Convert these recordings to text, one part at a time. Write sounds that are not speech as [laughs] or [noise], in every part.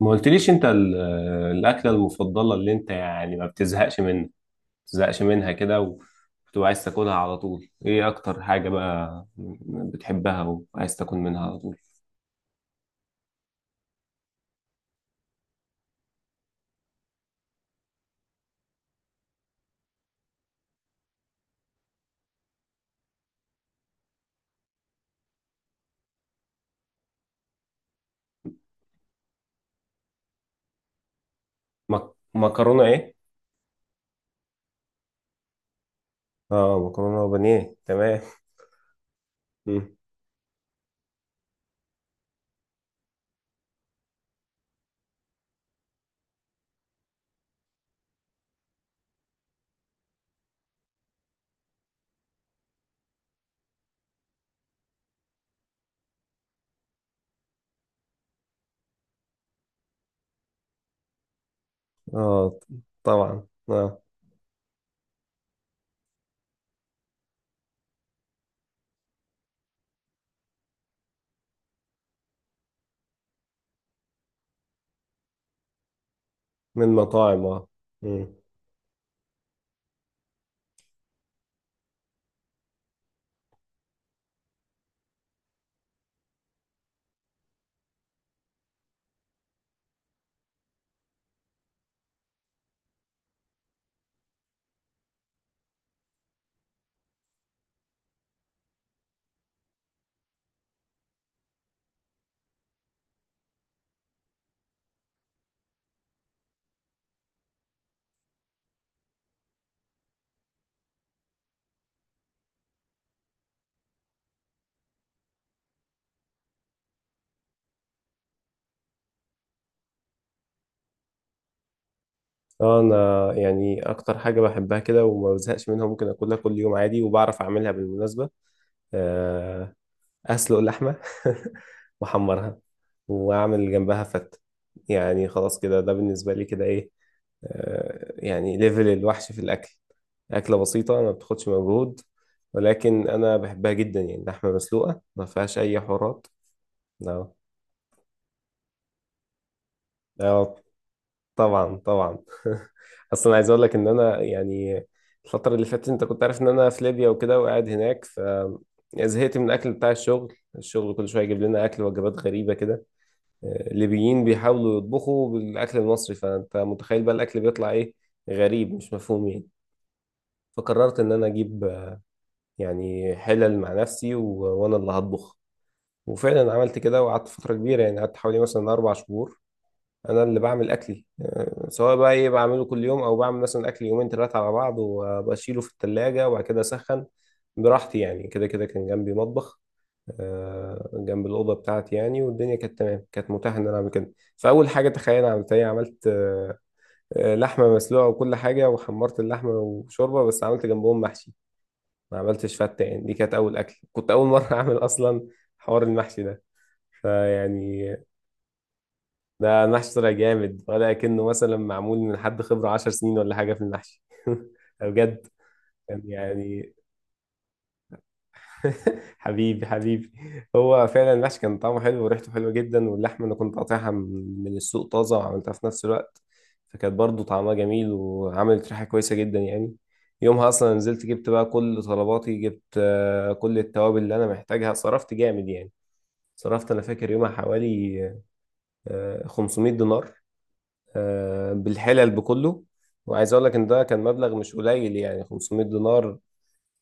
ما قلتليش انت الاكله المفضله اللي انت يعني ما بتزهقش منها كده وبتبقى عايز تاكلها على طول. ايه اكتر حاجه بقى بتحبها وعايز تاكل منها على طول؟ مكرونه ايه؟ اه، مكرونه وبانيه، تمام. مم. اه، طبعا اه. من مطاعم اه. مم. اه، انا يعني اكتر حاجه بحبها كده وما بزهقش منها ممكن اكلها كل يوم عادي، وبعرف اعملها بالمناسبه. اسلق اللحمه [laughs] واحمرها واعمل جنبها فته. يعني خلاص كده، ده بالنسبه لي كده ايه، يعني ليفل الوحش في الاكل. اكله بسيطه ما بتاخدش مجهود، ولكن انا بحبها جدا يعني. لحمه مسلوقه ما فيهاش اي حوارات. اه. اه طبعا طبعا. [laughs] اصلا عايز اقول لك ان انا يعني الفتره اللي فاتت، انت كنت عارف ان انا في ليبيا وكده وقاعد هناك، ف زهقت من الاكل بتاع الشغل. الشغل كل شويه يجيب لنا اكل، وجبات غريبه كده. ليبيين بيحاولوا يطبخوا بالاكل المصري، فانت متخيل بقى الاكل بيطلع ايه. غريب مش مفهوم يعني. فقررت ان انا اجيب يعني حلل مع نفسي وانا اللي هطبخ. وفعلا عملت كده، وقعدت فتره كبيره يعني قعدت حوالي مثلا 4 شهور انا اللي بعمل اكلي، سواء بقى ايه بعمله كل يوم، او بعمل مثلا اكل يومين ثلاثه على بعض وبشيله في الثلاجه وبعد كده اسخن براحتي. يعني كده كده كان جنبي مطبخ جنب الأوضة بتاعتي يعني، والدنيا كانت تمام، كانت متاحة إن أنا أعمل كده. فأول حاجة تخيل عملت إيه؟ عملت لحمة مسلوقة وكل حاجة، وحمرت اللحمة وشوربة، بس عملت جنبهم محشي. ما عملتش فتة يعني. دي كانت أول أكل، كنت أول مرة [laughs] أعمل أصلا حوار المحشي ده فيعني. ده المحشي طلع جامد، ولا كأنه مثلا معمول من حد خبرة 10 سنين ولا حاجة في المحشي. [laughs] بجد كان يعني. [laughs] حبيبي حبيبي، هو فعلا المحشي كان طعمه حلو وريحته حلوه جدا، واللحمه انا كنت قاطعها من السوق طازه وعملتها في نفس الوقت، فكانت برضو طعمها جميل وعملت ريحه كويسه جدا يعني. يومها اصلا نزلت جبت بقى كل طلباتي، جبت كل التوابل اللي انا محتاجها، صرفت جامد يعني. صرفت انا فاكر يومها حوالي 500 دينار، بالحلل بكله. وعايز اقول لك ان ده كان مبلغ مش قليل يعني. 500 دينار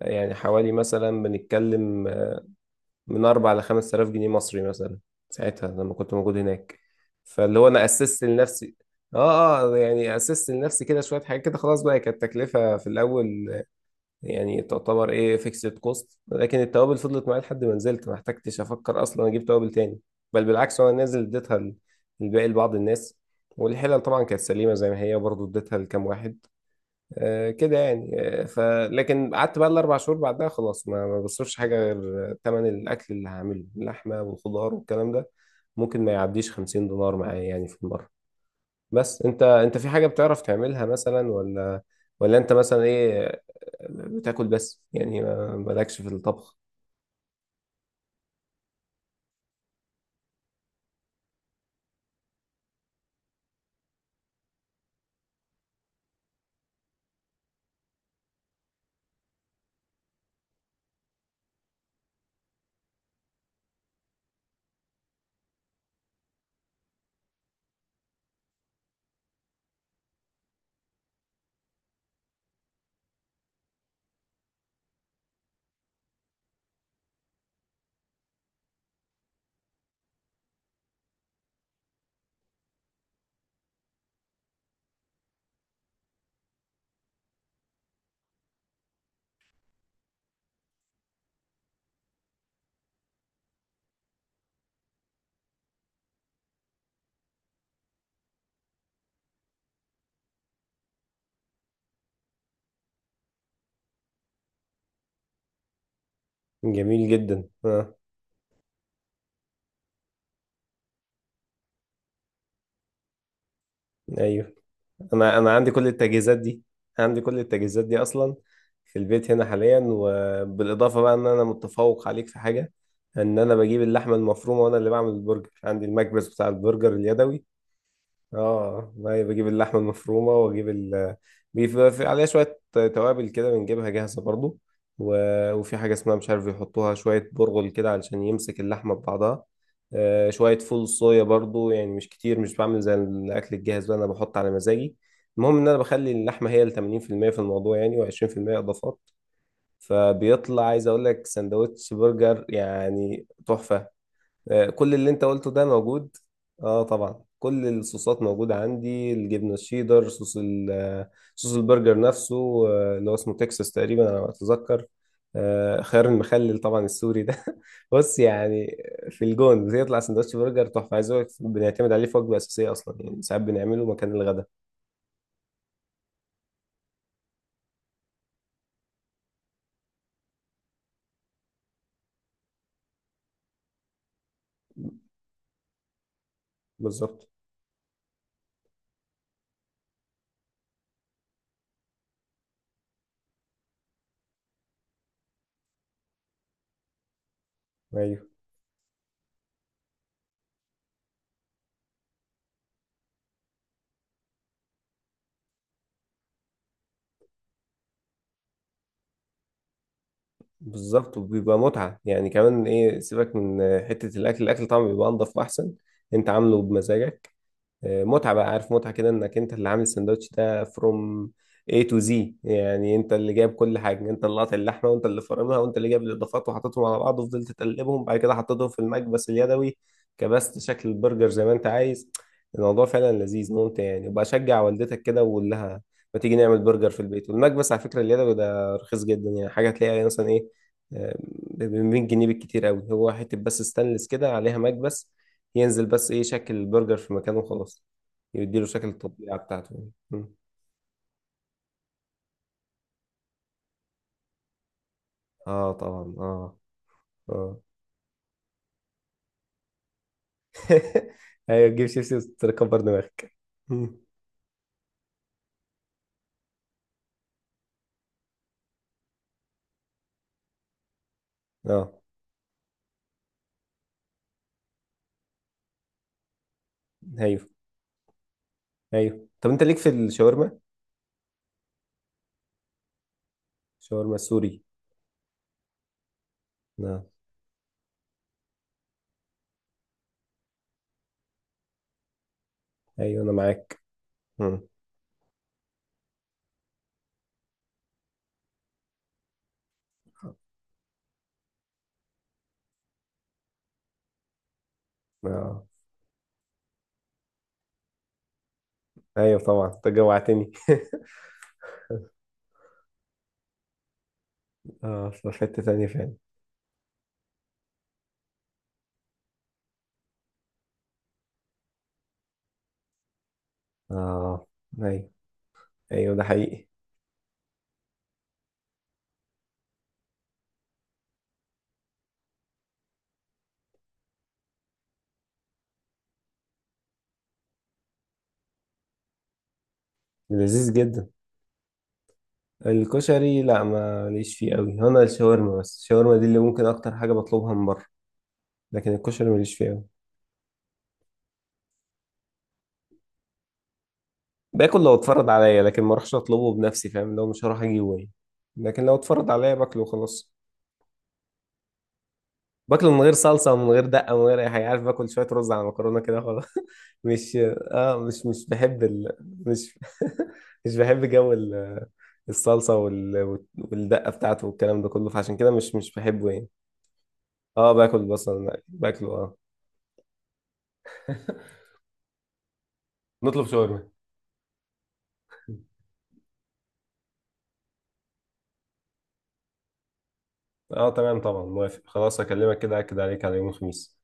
يعني حوالي مثلا، بنتكلم من أربع لخمس آلاف جنيه مصري مثلا ساعتها لما كنت موجود هناك. فاللي هو أنا أسست لنفسي. آه آه، يعني أسست لنفسي كده شوية حاجات كده، خلاص بقى كانت تكلفة في الأول يعني، تعتبر إيه فيكسد كوست. لكن التوابل فضلت معايا لحد ما نزلت، ما احتجتش أفكر أصلا أجيب توابل تاني، بل بالعكس. وأنا نازل اديتها الباقي لبعض الناس، والحلل طبعا كانت سليمة زي ما هي برضو اديتها لكام واحد، كده يعني آه، ف لكن قعدت بقى الاربع شهور، بعدها خلاص ما بصرفش حاجه غير ثمن الاكل اللي هعمله، اللحمه والخضار والكلام ده ممكن ما يعديش 50 دينار معايا يعني في المره. بس انت، في حاجه بتعرف تعملها مثلا؟ ولا انت مثلا ايه، بتاكل بس يعني مالكش في الطبخ؟ جميل جدا اه. ايوه انا عندي كل التجهيزات دي. عندي كل التجهيزات دي اصلا في البيت هنا حاليا. وبالاضافه بقى ان انا متفوق عليك في حاجه، ان انا بجيب اللحمه المفرومه وانا اللي بعمل البرجر. عندي المكبس بتاع البرجر اليدوي. اه، ما بجيب اللحمه المفرومه واجيب ال، بيبقى في عليها شويه توابل كده بنجيبها جاهزه برضو، و... وفي حاجه اسمها مش عارف، يحطوها شويه برغل كده علشان يمسك اللحمه ببعضها. آه، شويه فول صويا برضو يعني مش كتير. مش بعمل زي الاكل الجاهز بقى، انا بحط على مزاجي. المهم ان انا بخلي اللحمه هي ال 80% في المية في الموضوع يعني، و20% اضافات، فبيطلع عايز اقول لك سندوتش برجر يعني تحفه. كل اللي انت قلته ده موجود. اه طبعا، كل الصوصات موجودة عندي. الجبنة الشيدر، صوص ال صوص البرجر نفسه، اللي هو اسمه تكساس تقريبا على ما اتذكر. خيار المخلل طبعا السوري ده. [laughs] بص يعني في الجون بيطلع سندوتش برجر تحفة، عايز اقول لك بنعتمد عليه في وجبة أساسية أصلا، يعني ساعات بنعمله مكان الغداء. بالظبط. ايوه بالظبط، وبيبقى متعة يعني. كمان ايه، سيبك من حتة الأكل. الأكل طبعا بيبقى أنضف وأحسن، أنت عامله بمزاجك. متعة بقى، عارف، متعة كده انك انت اللي عامل السندوتش ده فروم A to Z يعني. انت اللي جايب كل حاجة، انت اللي قاطع اللحمة وانت اللي فرمها، وانت اللي جايب الاضافات وحطيتهم على بعض وفضلت تقلبهم، بعد كده حطيتهم في المكبس اليدوي، كبست شكل البرجر زي ما انت عايز. الموضوع فعلا لذيذ ممتع يعني، وبشجع والدتك كده واقول لها ما تيجي نعمل برجر في البيت. والمكبس على فكرة اليدوي ده رخيص جدا يعني، حاجة تلاقيها مثلا ايه، آه، ب 100 جنيه بالكتير قوي. هو حتة بس ستانلس كده عليها مكبس، ينزل بس ايه شكل البرجر في مكانه وخلاص، يديله شكل التطبيعة بتاعته يعني. مم. اه طبعا اه. اه. [laughs] ايوه، تجيب شيبسي وتكبر دماغك. مم. اه. ايوه. ايوه، طب انت ليك في الشاورما؟ شاورما السوري. اه ايوه انا معاك. مم. اه ايوه طبعا، انت جوعتني. [laughs] اه في حتة تانية فعلا. اه ايوه. ايوه ده حقيقي. لذيذ جدا. الكشري لا، ما ليش فيه قوي هنا. الشاورما بس، الشاورما دي اللي ممكن اكتر حاجة بطلبها من بره. لكن الكشري ماليش فيه أوي. باكل لو اتفرض عليا، لكن ما اروحش اطلبه بنفسي فاهم، لو مش هروح اجيبه يعني. لكن لو اتفرض عليا باكله وخلاص. باكله من غير صلصه ومن غير دقه ومن غير اي حاجه، عارف، باكل شويه رز على مكرونه كده خلاص. [laughs] مش اه مش مش بحب ال... مش [laughs] مش بحب جو الصلصه والدقه بتاعته والكلام ده كله، فعشان كده مش بحبه يعني. اه باكل بصل، باكله اه. [laughs] نطلب شاورما. اه تمام طبعا موافق، خلاص اكلمك كده اكد عليك على يوم الخميس.